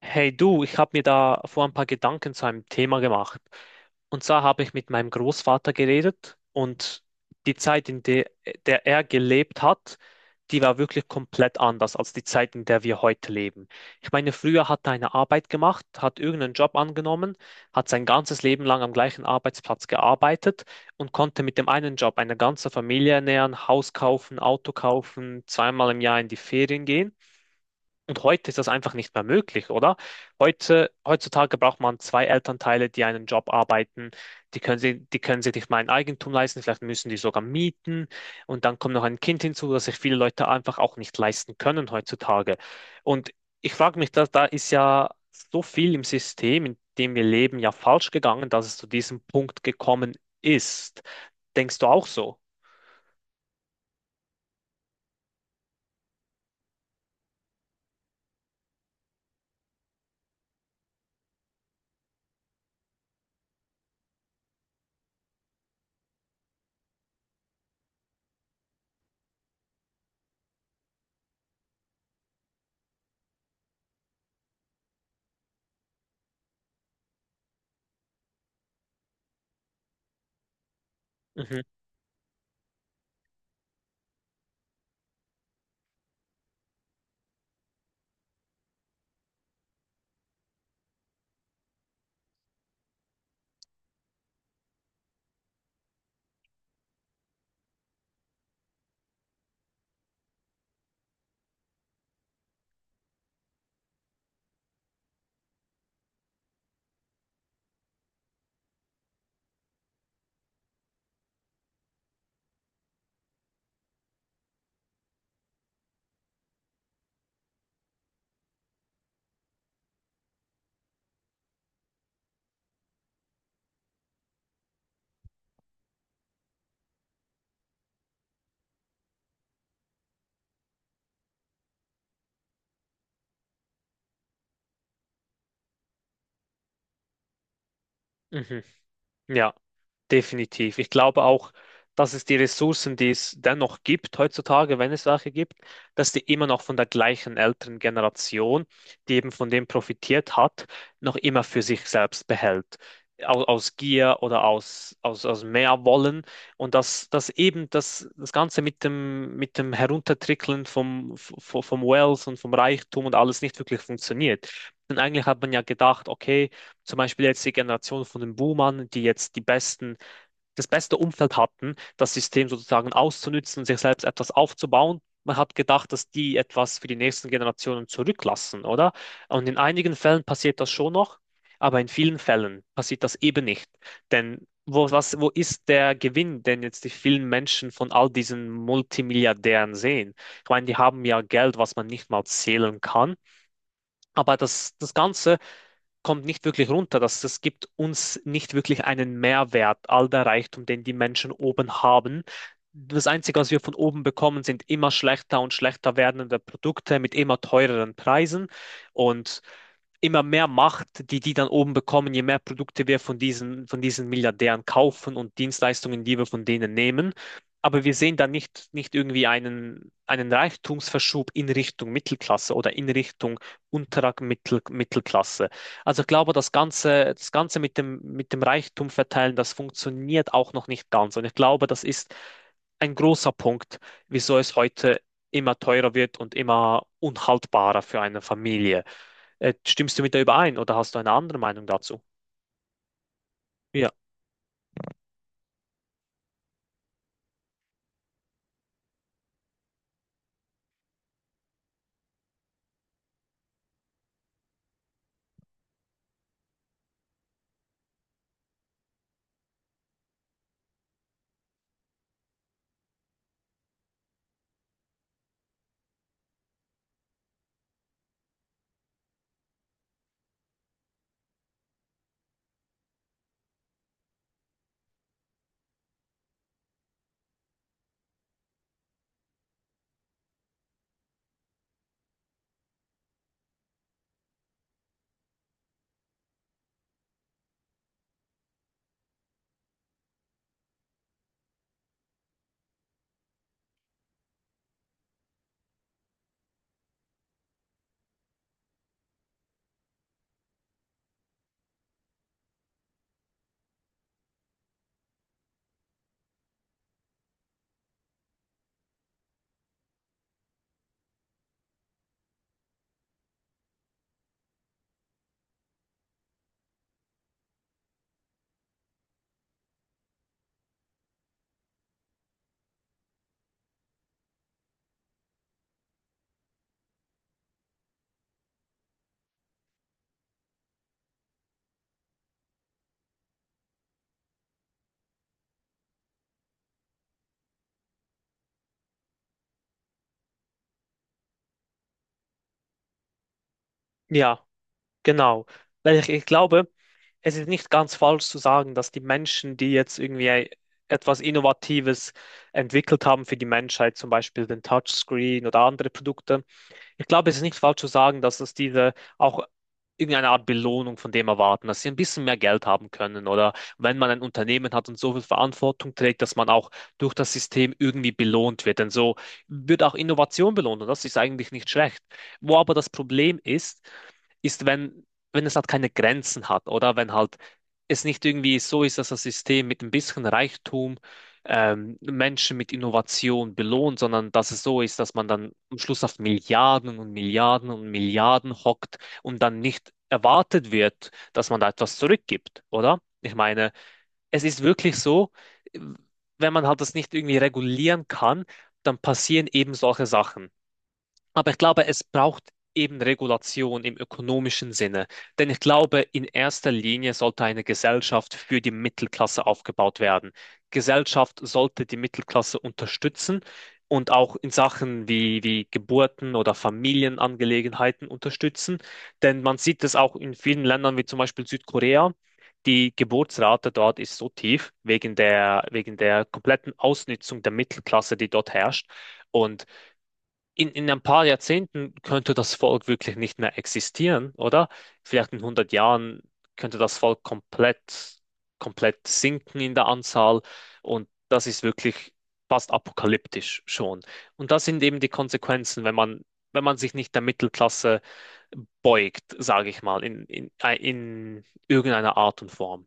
Hey du, ich habe mir da vor ein paar Gedanken zu einem Thema gemacht. Und zwar habe ich mit meinem Großvater geredet und die Zeit, in der er gelebt hat, die war wirklich komplett anders als die Zeit, in der wir heute leben. Ich meine, früher hat er eine Arbeit gemacht, hat irgendeinen Job angenommen, hat sein ganzes Leben lang am gleichen Arbeitsplatz gearbeitet und konnte mit dem einen Job eine ganze Familie ernähren, Haus kaufen, Auto kaufen, zweimal im Jahr in die Ferien gehen. Und heute ist das einfach nicht mehr möglich, oder? Heute, heutzutage braucht man zwei Elternteile, die einen Job arbeiten. Die können sie, die können sich nicht mal ein Eigentum leisten, vielleicht müssen die sogar mieten. Und dann kommt noch ein Kind hinzu, das sich viele Leute einfach auch nicht leisten können heutzutage. Und ich frage mich, da ist ja so viel im System, in dem wir leben, ja falsch gegangen, dass es zu diesem Punkt gekommen ist. Denkst du auch so? Mhm, mhm, ja. Definitiv. Ich glaube auch, dass es die Ressourcen, die es dennoch gibt heutzutage, wenn es welche gibt, dass die immer noch von der gleichen älteren Generation, die eben von dem profitiert hat, noch immer für sich selbst behält. Aus Gier oder aus mehr Wollen. Und dass eben das Ganze mit dem Heruntertrickeln vom Wealth und vom Reichtum und alles nicht wirklich funktioniert. Denn eigentlich hat man ja gedacht, okay, zum Beispiel jetzt die Generation von den Boomern, die jetzt die besten das beste Umfeld hatten, das System sozusagen auszunutzen, sich selbst etwas aufzubauen. Man hat gedacht, dass die etwas für die nächsten Generationen zurücklassen, oder? Und in einigen Fällen passiert das schon noch, aber in vielen Fällen passiert das eben nicht. Denn wo ist der Gewinn, den jetzt die vielen Menschen von all diesen Multimilliardären sehen? Ich meine, die haben ja Geld, was man nicht mal zählen kann. Aber das Ganze kommt nicht wirklich runter. Das gibt uns nicht wirklich einen Mehrwert, all der Reichtum, den die Menschen oben haben. Das Einzige, was wir von oben bekommen, sind immer schlechter und schlechter werdende Produkte mit immer teureren Preisen. Und immer mehr Macht, die die dann oben bekommen, je mehr Produkte wir von diesen Milliardären kaufen und Dienstleistungen, die wir von denen nehmen. Aber wir sehen da nicht irgendwie einen Reichtumsverschub in Richtung Mittelklasse oder in Richtung unterer Mittelklasse. Also ich glaube, das Ganze mit dem Reichtum verteilen, das funktioniert auch noch nicht ganz. Und ich glaube, das ist ein großer Punkt, wieso es heute immer teurer wird und immer unhaltbarer für eine Familie. Stimmst du mit der überein oder hast du eine andere Meinung dazu? Ja, ja, genau. Weil ich glaube, es ist nicht ganz falsch zu sagen, dass die Menschen, die jetzt irgendwie etwas Innovatives entwickelt haben für die Menschheit, zum Beispiel den Touchscreen oder andere Produkte, ich glaube, es ist nicht falsch zu sagen, dass es diese auch irgendeine Art Belohnung von dem erwarten, dass sie ein bisschen mehr Geld haben können oder wenn man ein Unternehmen hat und so viel Verantwortung trägt, dass man auch durch das System irgendwie belohnt wird. Denn so wird auch Innovation belohnt und das ist eigentlich nicht schlecht. Wo aber das Problem ist, ist, wenn es halt keine Grenzen hat oder wenn halt es nicht irgendwie so ist, dass das System mit ein bisschen Reichtum Menschen mit Innovation belohnt, sondern dass es so ist, dass man dann am Schluss auf Milliarden und Milliarden und Milliarden hockt und dann nicht erwartet wird, dass man da etwas zurückgibt, oder? Ich meine, es ist wirklich so, wenn man halt das nicht irgendwie regulieren kann, dann passieren eben solche Sachen. Aber ich glaube, es braucht eben Regulation im ökonomischen Sinne. Denn ich glaube, in erster Linie sollte eine Gesellschaft für die Mittelklasse aufgebaut werden. Gesellschaft sollte die Mittelklasse unterstützen und auch in Sachen wie Geburten oder Familienangelegenheiten unterstützen. Denn man sieht es auch in vielen Ländern wie zum Beispiel Südkorea. Die Geburtsrate dort ist so tief wegen der kompletten Ausnutzung der Mittelklasse, die dort herrscht. Und in ein paar Jahrzehnten könnte das Volk wirklich nicht mehr existieren, oder? Vielleicht in 100 Jahren könnte das Volk komplett sinken in der Anzahl und das ist wirklich fast apokalyptisch schon. Und das sind eben die Konsequenzen, wenn man sich nicht der Mittelklasse beugt, sage ich mal, in irgendeiner Art und Form.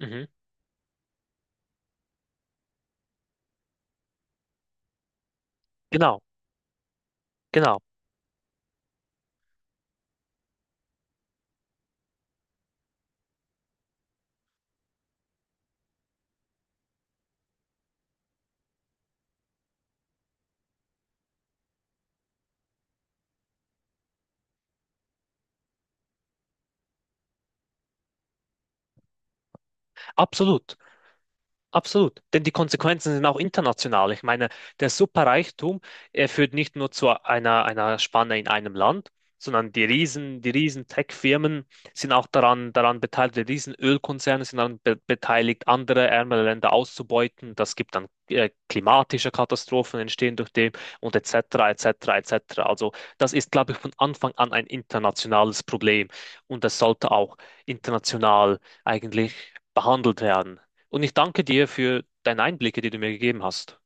Mhm. Genau, genau, absolut. Absolut, denn die Konsequenzen sind auch international. Ich meine, der Superreichtum, er führt nicht nur zu einer Spanne in einem Land, sondern die riesen Tech-Firmen sind auch daran beteiligt, die riesen Ölkonzerne sind daran be beteiligt, andere ärmere Länder auszubeuten. Das gibt dann klimatische Katastrophen entstehen durch dem und et cetera, et cetera, et cetera. Also das ist, glaube ich, von Anfang an ein internationales Problem und das sollte auch international eigentlich behandelt werden. Und ich danke dir für deine Einblicke, die du mir gegeben hast.